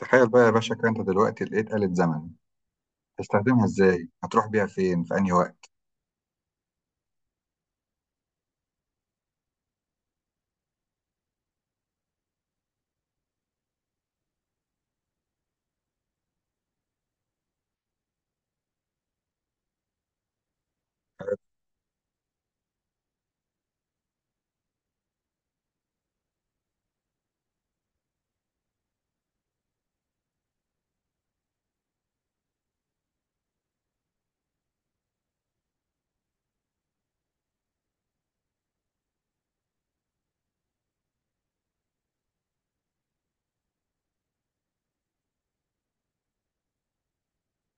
تخيل بقى يا باشا كده، انت دلوقتي لقيت آلة زمن. تستخدمها ازاي؟ هتروح بيها فين؟ في انهي وقت؟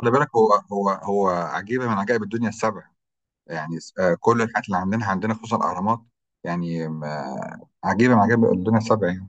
خلي بالك، هو عجيبة من عجائب الدنيا السبع يعني. كل الحاجات اللي عندنا خصوصا الأهرامات يعني. عجيبة من عجائب الدنيا السبع يعني.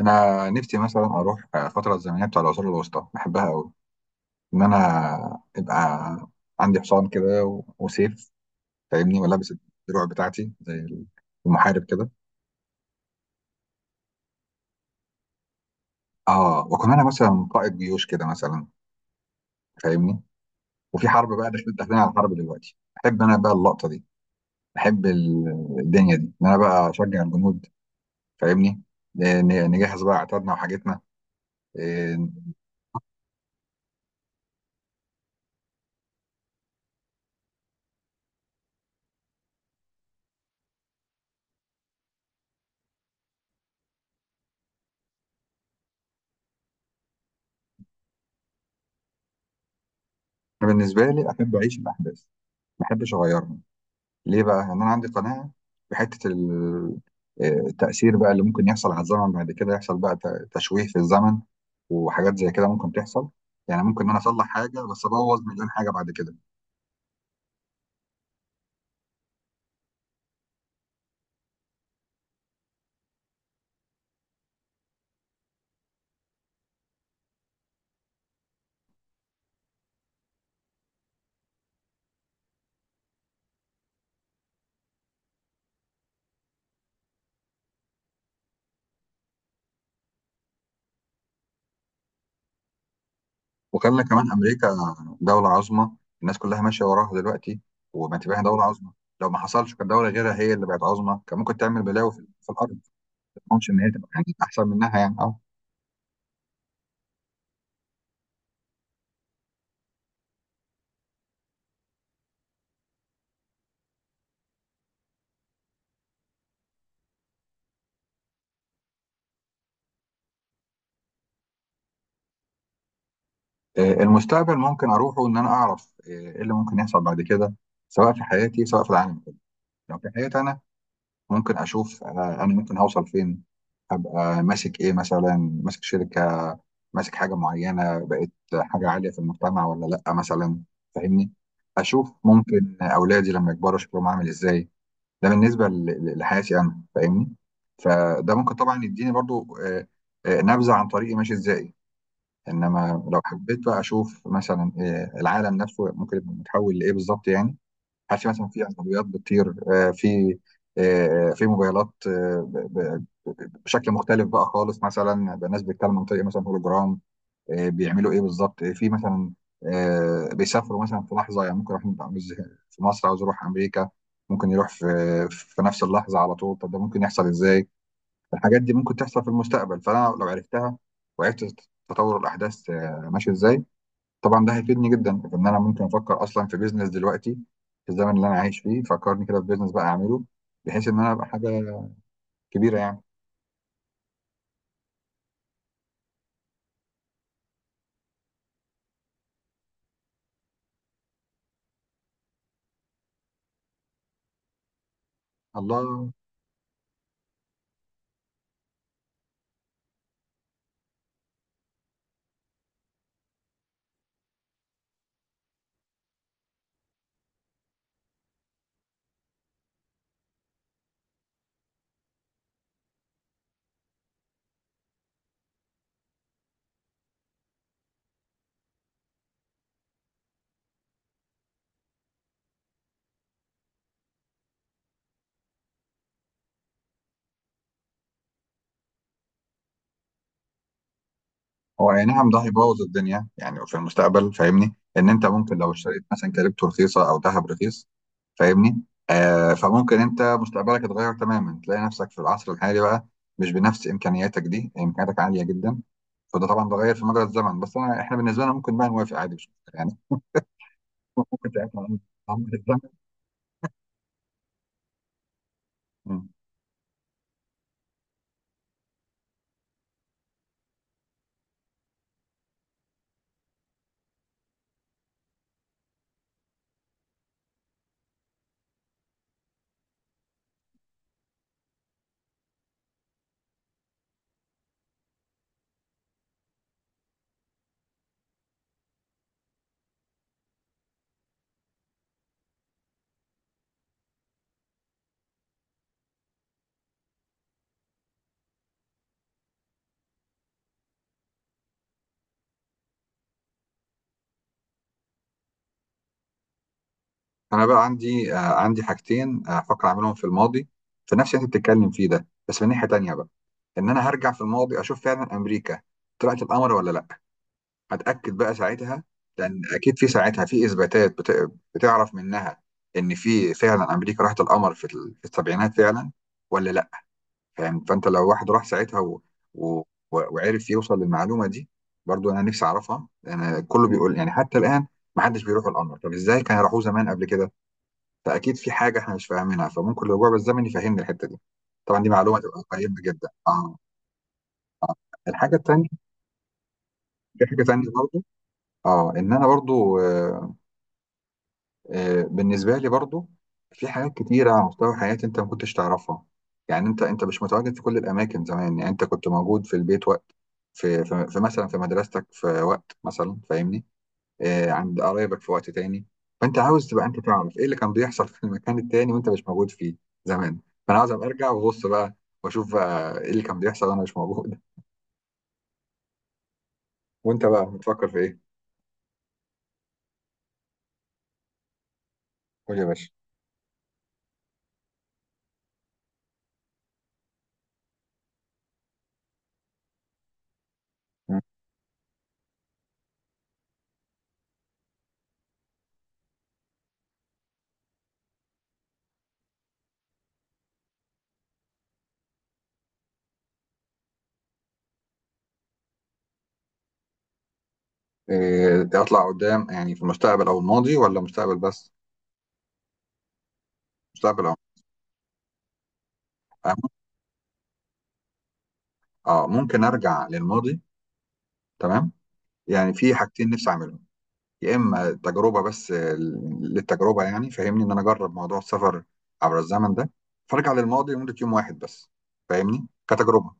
أنا نفسي مثلا أروح الفترة الزمنية بتاع العصور الوسطى، بحبها أوي. إن أنا يبقى عندي حصان كده و- وسيف، فاهمني، ولابس الدروع بتاعتي زي المحارب كده. اه، وكمان انا مثلا قائد جيوش كده مثلا، فاهمني، وفي حرب بقى، داخلين داخلين على حرب دلوقتي. احب انا بقى اللقطه دي، احب ال- الدنيا دي ان انا بقى اشجع الجنود، فاهمني. ن- نجهز بقى عتادنا وحاجتنا. انا بالنسبه لي احب اعيش الاحداث، ما احبش اغيرها. ليه بقى؟ ان انا عندي قناعه بحته ال- إيه، التاثير بقى اللي ممكن يحصل على الزمن بعد كده، يحصل بقى ت- تشويه في الزمن، وحاجات زي كده ممكن تحصل. يعني ممكن ان انا اصلح حاجه بس ابوظ مليون حاجه بعد كده. وخلى كمان امريكا دولة عظمى، الناس كلها ماشية وراها دلوقتي، وما تبقاها دولة عظمى. لو ما حصلش كانت دولة غيرها هي اللي بقت عظمى، كان ممكن تعمل بلاوي في الأرض ما. أظنش إن هي تبقى يعني أحسن منها يعني. أه. المستقبل ممكن أروحه إن أنا أعرف إيه اللي ممكن يحصل بعد كده، سواء في حياتي سواء في العالم كله. لو في حياتي أنا، ممكن اشوف انا ممكن هوصل فين. ابقى ماسك ايه؟ مثلا ماسك شركه، ماسك حاجه معينه، بقيت حاجه عاليه في المجتمع ولا لا مثلا، فاهمني. اشوف ممكن اولادي لما يكبروا شكلهم عامل ازاي. ده بالنسبه ل- ل- لحياتي انا، فاهمني. فده ممكن طبعا يديني برضو. نبذه عن طريقي ماشي ازاي. انما لو حبيت بقى اشوف مثلا العالم نفسه ممكن يبقى متحول لايه بالظبط يعني. هتلاقي مثلا في عربيات بتطير، في موبايلات، آه، ب- ب- بشكل مختلف بقى خالص، مثلا يبقى الناس بتتكلم عن طريق مثلا هولوجرام. بيعملوا ايه بالظبط، آه، في مثلا آه، بيسافروا مثلا في لحظه، يعني ممكن واحد عاوز، في مصر عاوز يروح امريكا، ممكن يروح في نفس اللحظه على طول. طب ده ممكن يحصل ازاي؟ الحاجات دي ممكن تحصل في المستقبل، فانا لو عرفتها وعرفت تطور الاحداث ماشي ازاي. طبعا ده هيفيدني جدا في ان انا ممكن افكر اصلا في بيزنس دلوقتي، في الزمن اللي انا عايش فيه. فكرني كده في بيزنس بقى اعمله، بحيث ان انا ابقى حاجه كبيره يعني. الله. هو اي نعم، ده هيبوظ الدنيا يعني في المستقبل، فاهمني، ان انت ممكن لو اشتريت مثلا كريبتو رخيصه او ذهب رخيص. فاهمني. فممكن انت مستقبلك يتغير تماما، تلاقي نفسك في العصر الحالي بقى مش بنفس امكانياتك، دي امكانياتك عاليه جدا. فده طبعا ده غير في مجرى الزمن، بس أنا احنا بالنسبه لنا ممكن بقى نوافق عادي مش مشكله يعني. ممكن ساعتها نعمل الزمن. انا بقى عندي عندي حاجتين، هفكر اعملهم في الماضي، في نفس اللي انت بتتكلم فيه ده، بس من ناحيه تانيه بقى. ان انا هرجع في الماضي، اشوف فعلا امريكا طلعت القمر ولا لا. هتاكد بقى ساعتها، لان اكيد في ساعتها في اثباتات بتعرف منها ان في فعلا امريكا راحت القمر في السبعينات فعلا، ولا لا. فاهم؟ فانت لو واحد راح ساعتها و... و... و- وعرف يوصل للمعلومه دي، برضو انا نفسي اعرفها. انا كله بيقول يعني حتى الان ما حدش بيروح القمر، طب ازاي كانوا راحوه زمان قبل كده؟ فاكيد في حاجه احنا مش فاهمينها، فممكن الرجوع بالزمن يفهمنا الحته دي. طبعا دي معلومه تبقى قيمه جدا. اه. الحاجه التانيه. في حاجه تانيه برضو. اه، ان انا برضو. بالنسبه لي برضو في حاجات كتيره على مستوى حياتي، انت ما كنتش تعرفها. يعني انت مش متواجد في كل الاماكن زمان، يعني انت كنت موجود في البيت وقت، في مثلا في مدرستك في وقت مثلا، فاهمني، عند قرايبك في وقت تاني. فانت عاوز تبقى انت تعرف ايه اللي كان بيحصل في المكان التاني وانت مش موجود فيه زمان. فانا عاوز ابقى ارجع وابص بقى، واشوف بقى ايه اللي كان بيحصل وانا مش موجود. وانت بقى بتفكر في ايه؟ قول يا باشا. م. إيه، اطلع قدام يعني في المستقبل او الماضي، ولا مستقبل بس؟ مستقبل او، اه، ممكن ارجع للماضي. تمام. يعني في حاجتين نفسي اعملهم. يا اما تجربه بس، للتجربه يعني، فاهمني، ان انا اجرب موضوع السفر عبر الزمن ده. فارجع للماضي لمده يوم واحد بس، فاهمني، كتجربه.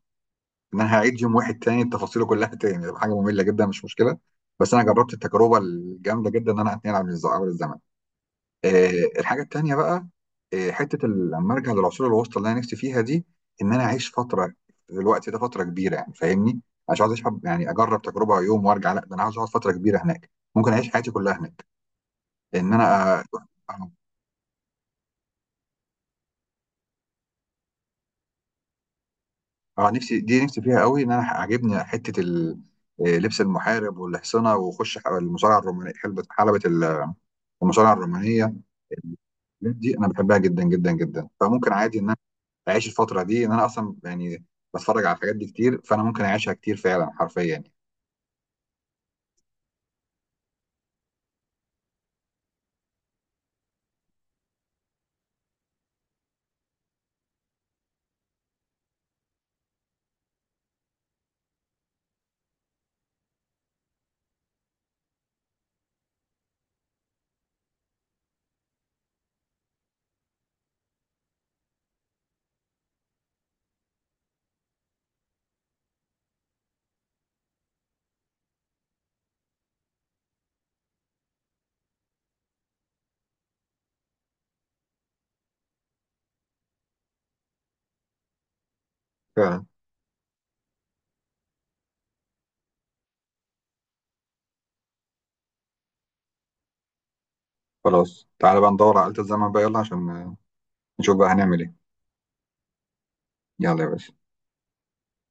ان انا هعيد يوم واحد تاني، تفاصيله كلها تاني، تبقى حاجه ممله جدا، مش مشكله. بس انا جربت التجربه الجامده جدا، ان انا اتنقل عبر الزمن. الحاجه التانيه بقى، لما ارجع للعصور الوسطى اللي انا نفسي فيها دي، ان انا اعيش فتره في الوقت ده، فتره كبيره يعني، فاهمني. مش عايز اشحب يعني اجرب تجربه يوم وارجع، لا ده انا عايز اقعد فتره كبيره هناك، ممكن اعيش حياتي كلها هناك. ان انا. اه. نفسي دي، نفسي فيها قوي، ان انا عاجبني حته ال- آه، لبس المحارب والحصنه، واخش المصارعه الرومانيه، حلبة المصارعه الرومانيه. الحاجات دي انا بحبها جدا جدا جدا، فممكن عادي ان انا اعيش الفتره دي، ان انا اصلا يعني بتفرج على الحاجات دي كتير، فانا ممكن اعيشها كتير فعلا حرفيا يعني. فعلا، خلاص تعالى بقى ندور على آلة الزمن بقى، يلا عشان نشوف بقى هنعمل ايه. يلا يا باشا.